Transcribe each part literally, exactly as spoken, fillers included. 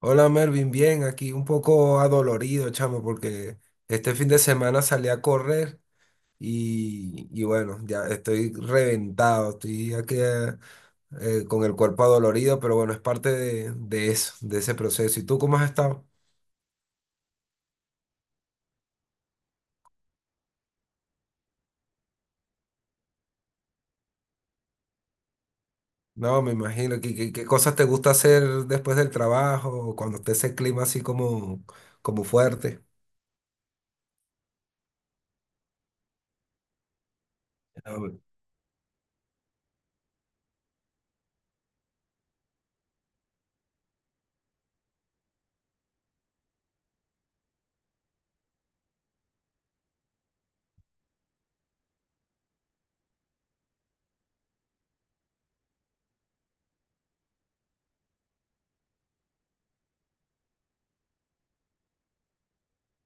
Hola Mervin, bien, aquí un poco adolorido, chamo, porque este fin de semana salí a correr y, y bueno, ya estoy reventado, estoy aquí eh, eh, con el cuerpo adolorido, pero bueno, es parte de, de eso, de ese proceso. ¿Y tú cómo has estado? No, me imagino, ¿qué, qué- qué cosas te gusta hacer después del trabajo, cuando esté ese clima así como, como fuerte? A ver.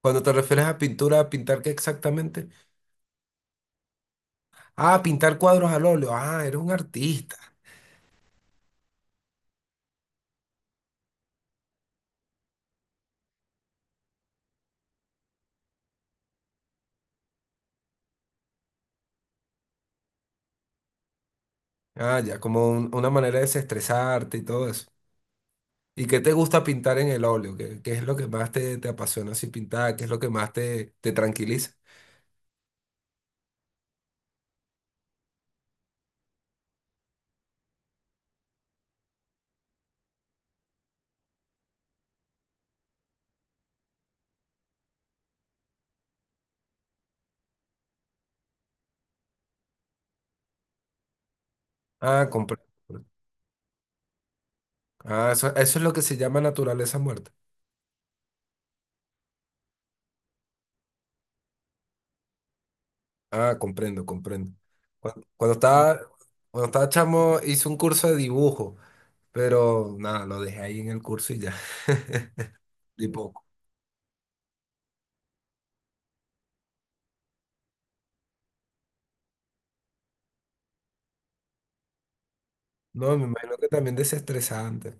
Cuando te refieres a pintura, ¿a pintar qué exactamente? Ah, pintar cuadros al óleo. Ah, eres un artista. Ah, ya, como un- una manera de desestresarte y todo eso. ¿Y qué te gusta pintar en el óleo? ¿Qué, qué es lo que más te, te apasiona así pintar? ¿Qué es lo que más te, te tranquiliza? Ah, comprendo. Ah, eso, eso es lo que se llama naturaleza muerta. Ah, comprendo, comprendo. Cuando, cuando estaba, cuando estaba chamo hice un curso de dibujo, pero nada, lo dejé ahí en el curso y ya. Y poco. No, me imagino que también desestresante.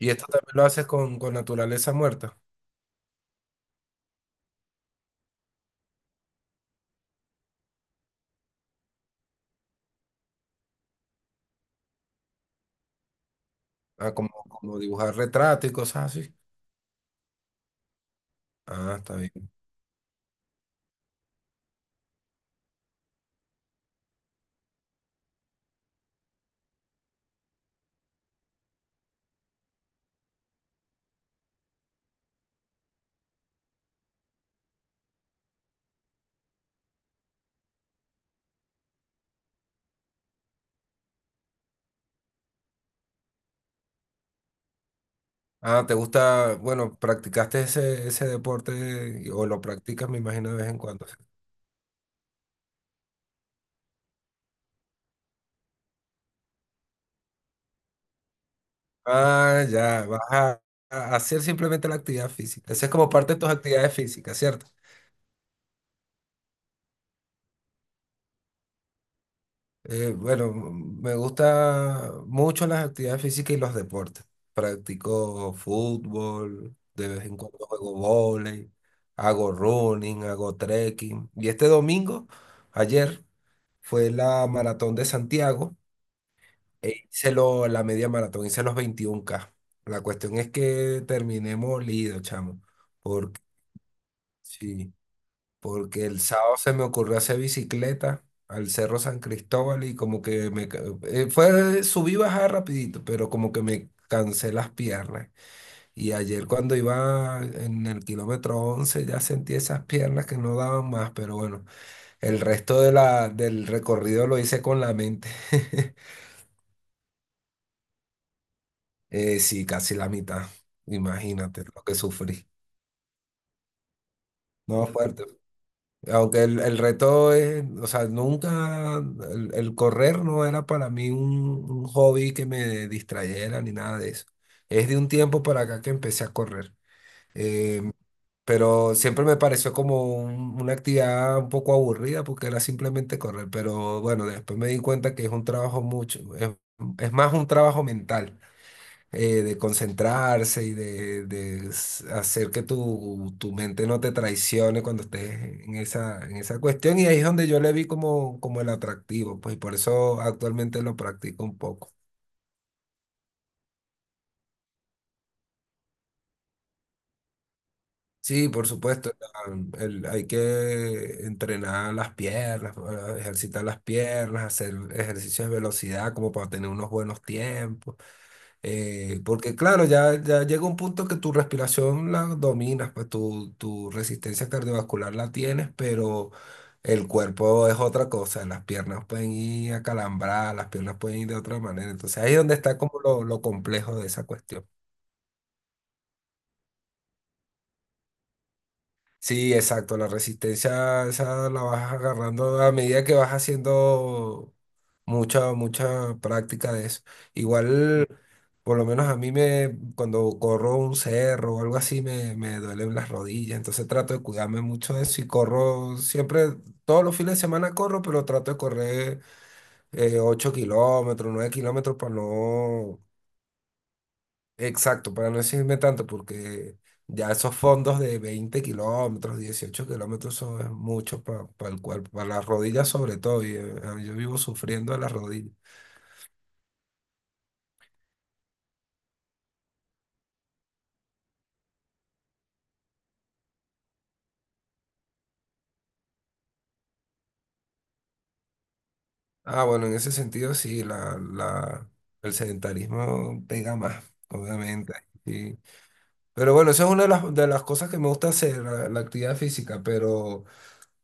Y esto también lo haces con, con naturaleza muerta. Ah, como, como dibujar retratos y cosas así. Ah, está bien. Ah, ¿te gusta? Bueno, ¿practicaste ese, ese deporte y- o lo practicas, me imagino, de vez en cuando? Ah, ya, vas a, a hacer simplemente la actividad física. Esa es como parte de tus actividades físicas, ¿cierto? Eh, bueno, m- me gusta mucho las actividades físicas y los deportes. Practico fútbol, de vez en cuando juego vóley, hago running, hago trekking. Y este domingo, ayer, fue la maratón de Santiago. E hice lo- la media maratón, hice los veintiún k. La cuestión es que terminé molido, chamo. Porque, sí, porque el sábado se me ocurrió hacer bicicleta al Cerro San Cristóbal y como que me... ca- eh, fue subí y bajar rapidito, pero como que me cansé las piernas. Y ayer cuando iba en el kilómetro once ya sentí esas piernas que no daban más, pero bueno, el resto de la, del recorrido lo hice con la mente. Eh, sí, casi la mitad. Imagínate lo que sufrí. No, fuerte. Aunque el, el reto es, o sea, nunca, el, el correr no era para mí un, un hobby que me distrayera ni nada de eso. Es de un tiempo para acá que empecé a correr. Eh, pero siempre me pareció como un- una actividad un poco aburrida porque era simplemente correr. Pero bueno, después me di cuenta que es un trabajo mucho, es es más un trabajo mental, eh, de concentrarse y de, de s- hacer que tu, tu mente no te traicione cuando estés en esa, en esa cuestión. Y ahí es donde yo le vi como, como el atractivo, pues y por eso actualmente lo practico un poco. Sí, por supuesto, la- el- hay que entrenar las piernas, eh, ejercitar las piernas, hacer ejercicios de velocidad como para tener unos buenos tiempos. Eh, porque claro, ya, ya llega un punto que tu respiración la dominas, pues tu, tu resistencia cardiovascular la tienes, pero el cuerpo es otra cosa, las piernas pueden ir acalambradas, las piernas pueden ir de otra manera. Entonces ahí es donde está como lo, lo complejo de esa cuestión. Sí, exacto, la resistencia esa la vas agarrando a medida que vas haciendo mucha, mucha práctica de eso. Igual, por lo menos a mí me, cuando corro un cerro o algo así, me, me duelen las rodillas, entonces trato de cuidarme mucho de eso y corro siempre, todos los fines de semana corro, pero trato de correr eh, ocho kilómetros, nueve kilómetros para no. Exacto, para no decirme tanto, porque ya esos fondos de veinte kilómetros, dieciocho kilómetros, son es mucho para el cuerpo, para las rodillas sobre todo, y eh, ah, yo vivo sufriendo de las rodillas. Ah, bueno, en ese sentido sí, la, la, el sedentarismo pega más, obviamente. Sí. Pero bueno, eso es una de las, de las cosas que me gusta hacer, la, la actividad física, pero.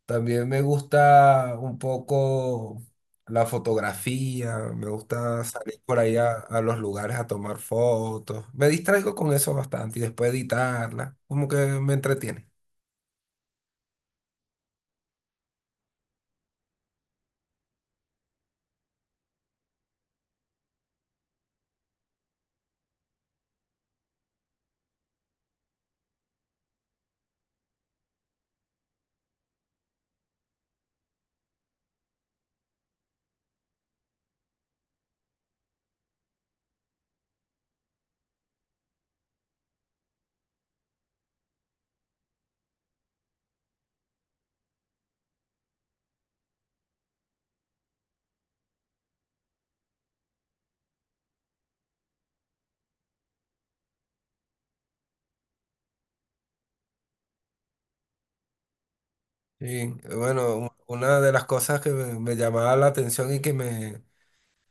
También me gusta un poco la fotografía, me gusta salir por ahí a, a los lugares a tomar fotos. Me distraigo con eso bastante y después editarla, como que me entretiene. Sí, bueno, u- una de las cosas que me, me llamaba la atención y que me,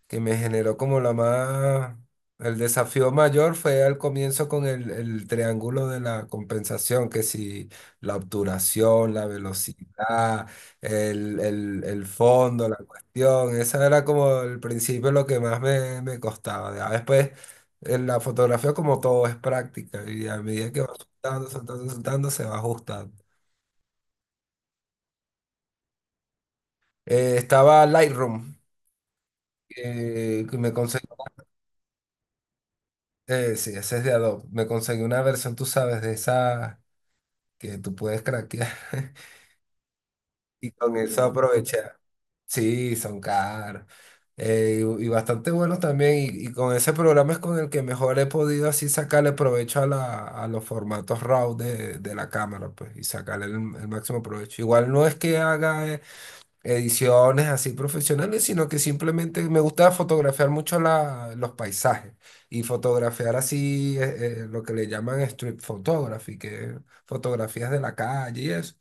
que me generó como la más. El desafío mayor fue al comienzo con el, el triángulo de la compensación, que si la obturación, la velocidad, el, el- el fondo, la cuestión, esa era como el principio lo que más me, me costaba. Ya después, en la fotografía como todo es práctica y a medida que va soltando, soltando, soltando, se va ajustando. Eh, estaba Lightroom, eh, que me conse- Eh, sí, ese es de Adobe. Me conseguí una versión, tú sabes, de esa que tú puedes craquear. Y con eso, no, aproveché. Sí, son caros. Eh, y, y bastante buenos también. Y, y con ese programa es con el que mejor he podido así sacarle provecho a, la, a los formatos RAW de, de la cámara, pues, y sacarle el, el máximo provecho. Igual no es que haga ediciones así profesionales, sino que simplemente me gusta fotografiar mucho la- los paisajes y fotografiar así eh, eh, lo que le llaman street photography, que es fotografías de la calle y eso.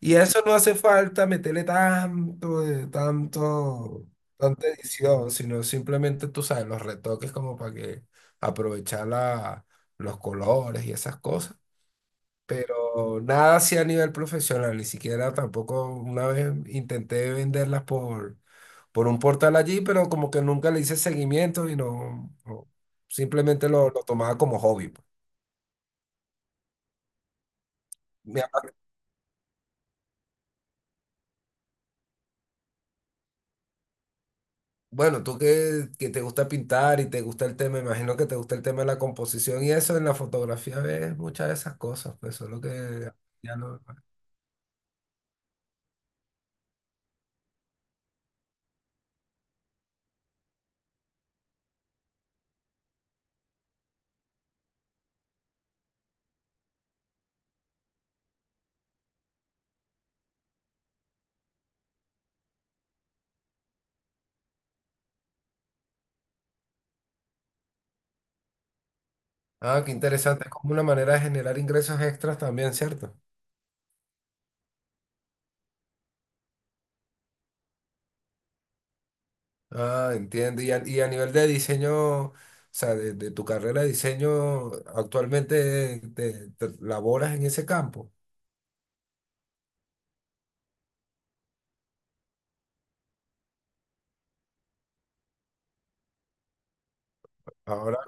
Y a eso no hace falta meterle tanto, de- tanto, tanta edición, sino simplemente, tú sabes, los retoques como para que aprovechar la- los colores y esas cosas pero nada así a nivel profesional, ni siquiera tampoco una vez intenté venderlas por, por un portal allí, pero como que nunca le hice seguimiento y no, no, simplemente lo, lo tomaba como hobby, pues. Me ha- Bueno, tú que, que te gusta pintar y te gusta el tema, imagino que te gusta el tema de la composición y eso, en la fotografía ves muchas de esas cosas, pues solo que ya no- Ah, qué interesante, es como una manera de generar ingresos extras también, ¿cierto? Ah, entiendo. Y a, y a nivel de diseño, o sea, de, de tu carrera de diseño, actualmente eh, te, te laboras en ese campo. Ahora,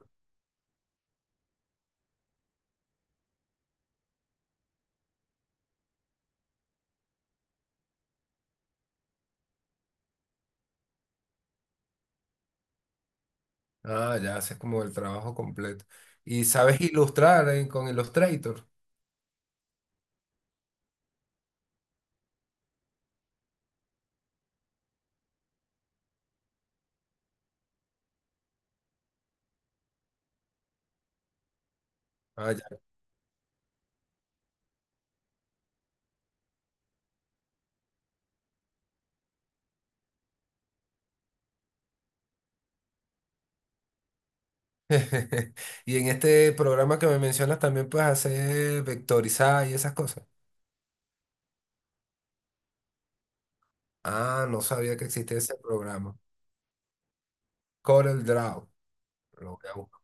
ah, ya haces como el trabajo completo. Y sabes ilustrar en- con Illustrator. Ah, ya. Y en este programa que me mencionas también puedes hacer vectorizar y esas cosas. Ah, no sabía que existía ese programa. Corel Draw. Lo voy a buscar.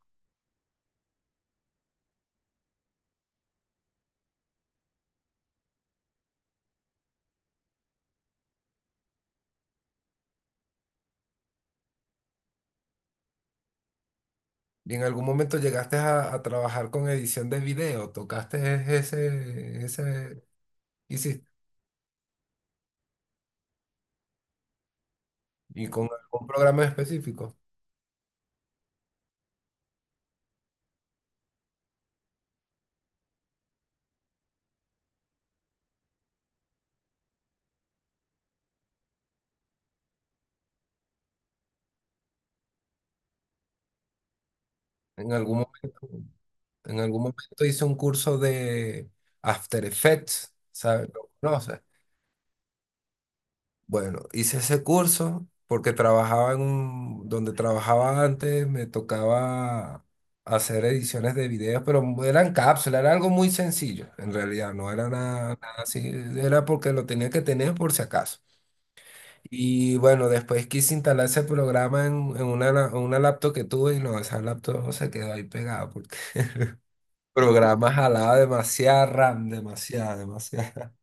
¿Y en algún momento llegaste a, a trabajar con edición de video? ¿Tocaste e-, ese, ese, hiciste? ¿Y con algún programa específico? En algún momento, en algún momento hice un curso de After Effects, ¿sabes? ¿Lo conoces? Bueno, hice ese curso porque trabajaba en un, donde trabajaba antes, me tocaba hacer ediciones de videos, pero eran cápsulas, era algo muy sencillo, en realidad, no era nada, nada así, era porque lo tenía que tener por si acaso. Y bueno, después quise instalar ese programa en, en una, la- en una laptop que tuve y no, esa laptop no se quedó ahí pegada porque el programa jalaba demasiada RAM, demasiada, demasiada.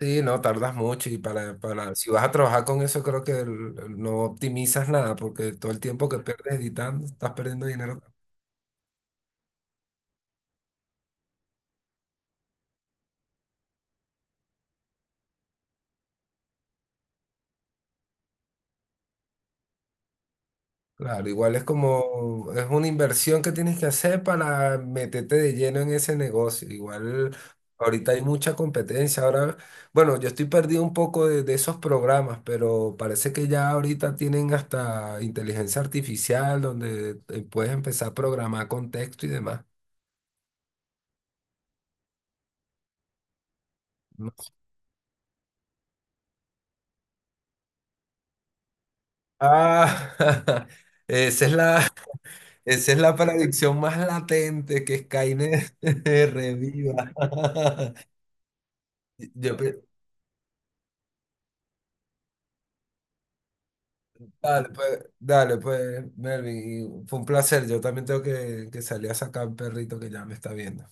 Sí, no, tardas mucho y para, para, si vas a trabajar con eso creo que el- no optimizas nada porque todo el tiempo que pierdes editando, estás perdiendo dinero. Claro, igual es como, es una inversión que tienes que hacer para meterte de lleno en ese negocio. Igual ahorita hay mucha competencia. Ahora, bueno, yo estoy perdido un poco de, de esos programas, pero parece que ya ahorita tienen hasta inteligencia artificial donde eh, puedes empezar a programar con texto y demás. No. Ah, esa es la, esa es la predicción más latente que Skynet reviva. Yo, pe- Dale, pues, dale, pues, Melvin, y fue un placer. Yo también tengo que, que salir a sacar un perrito que ya me está viendo.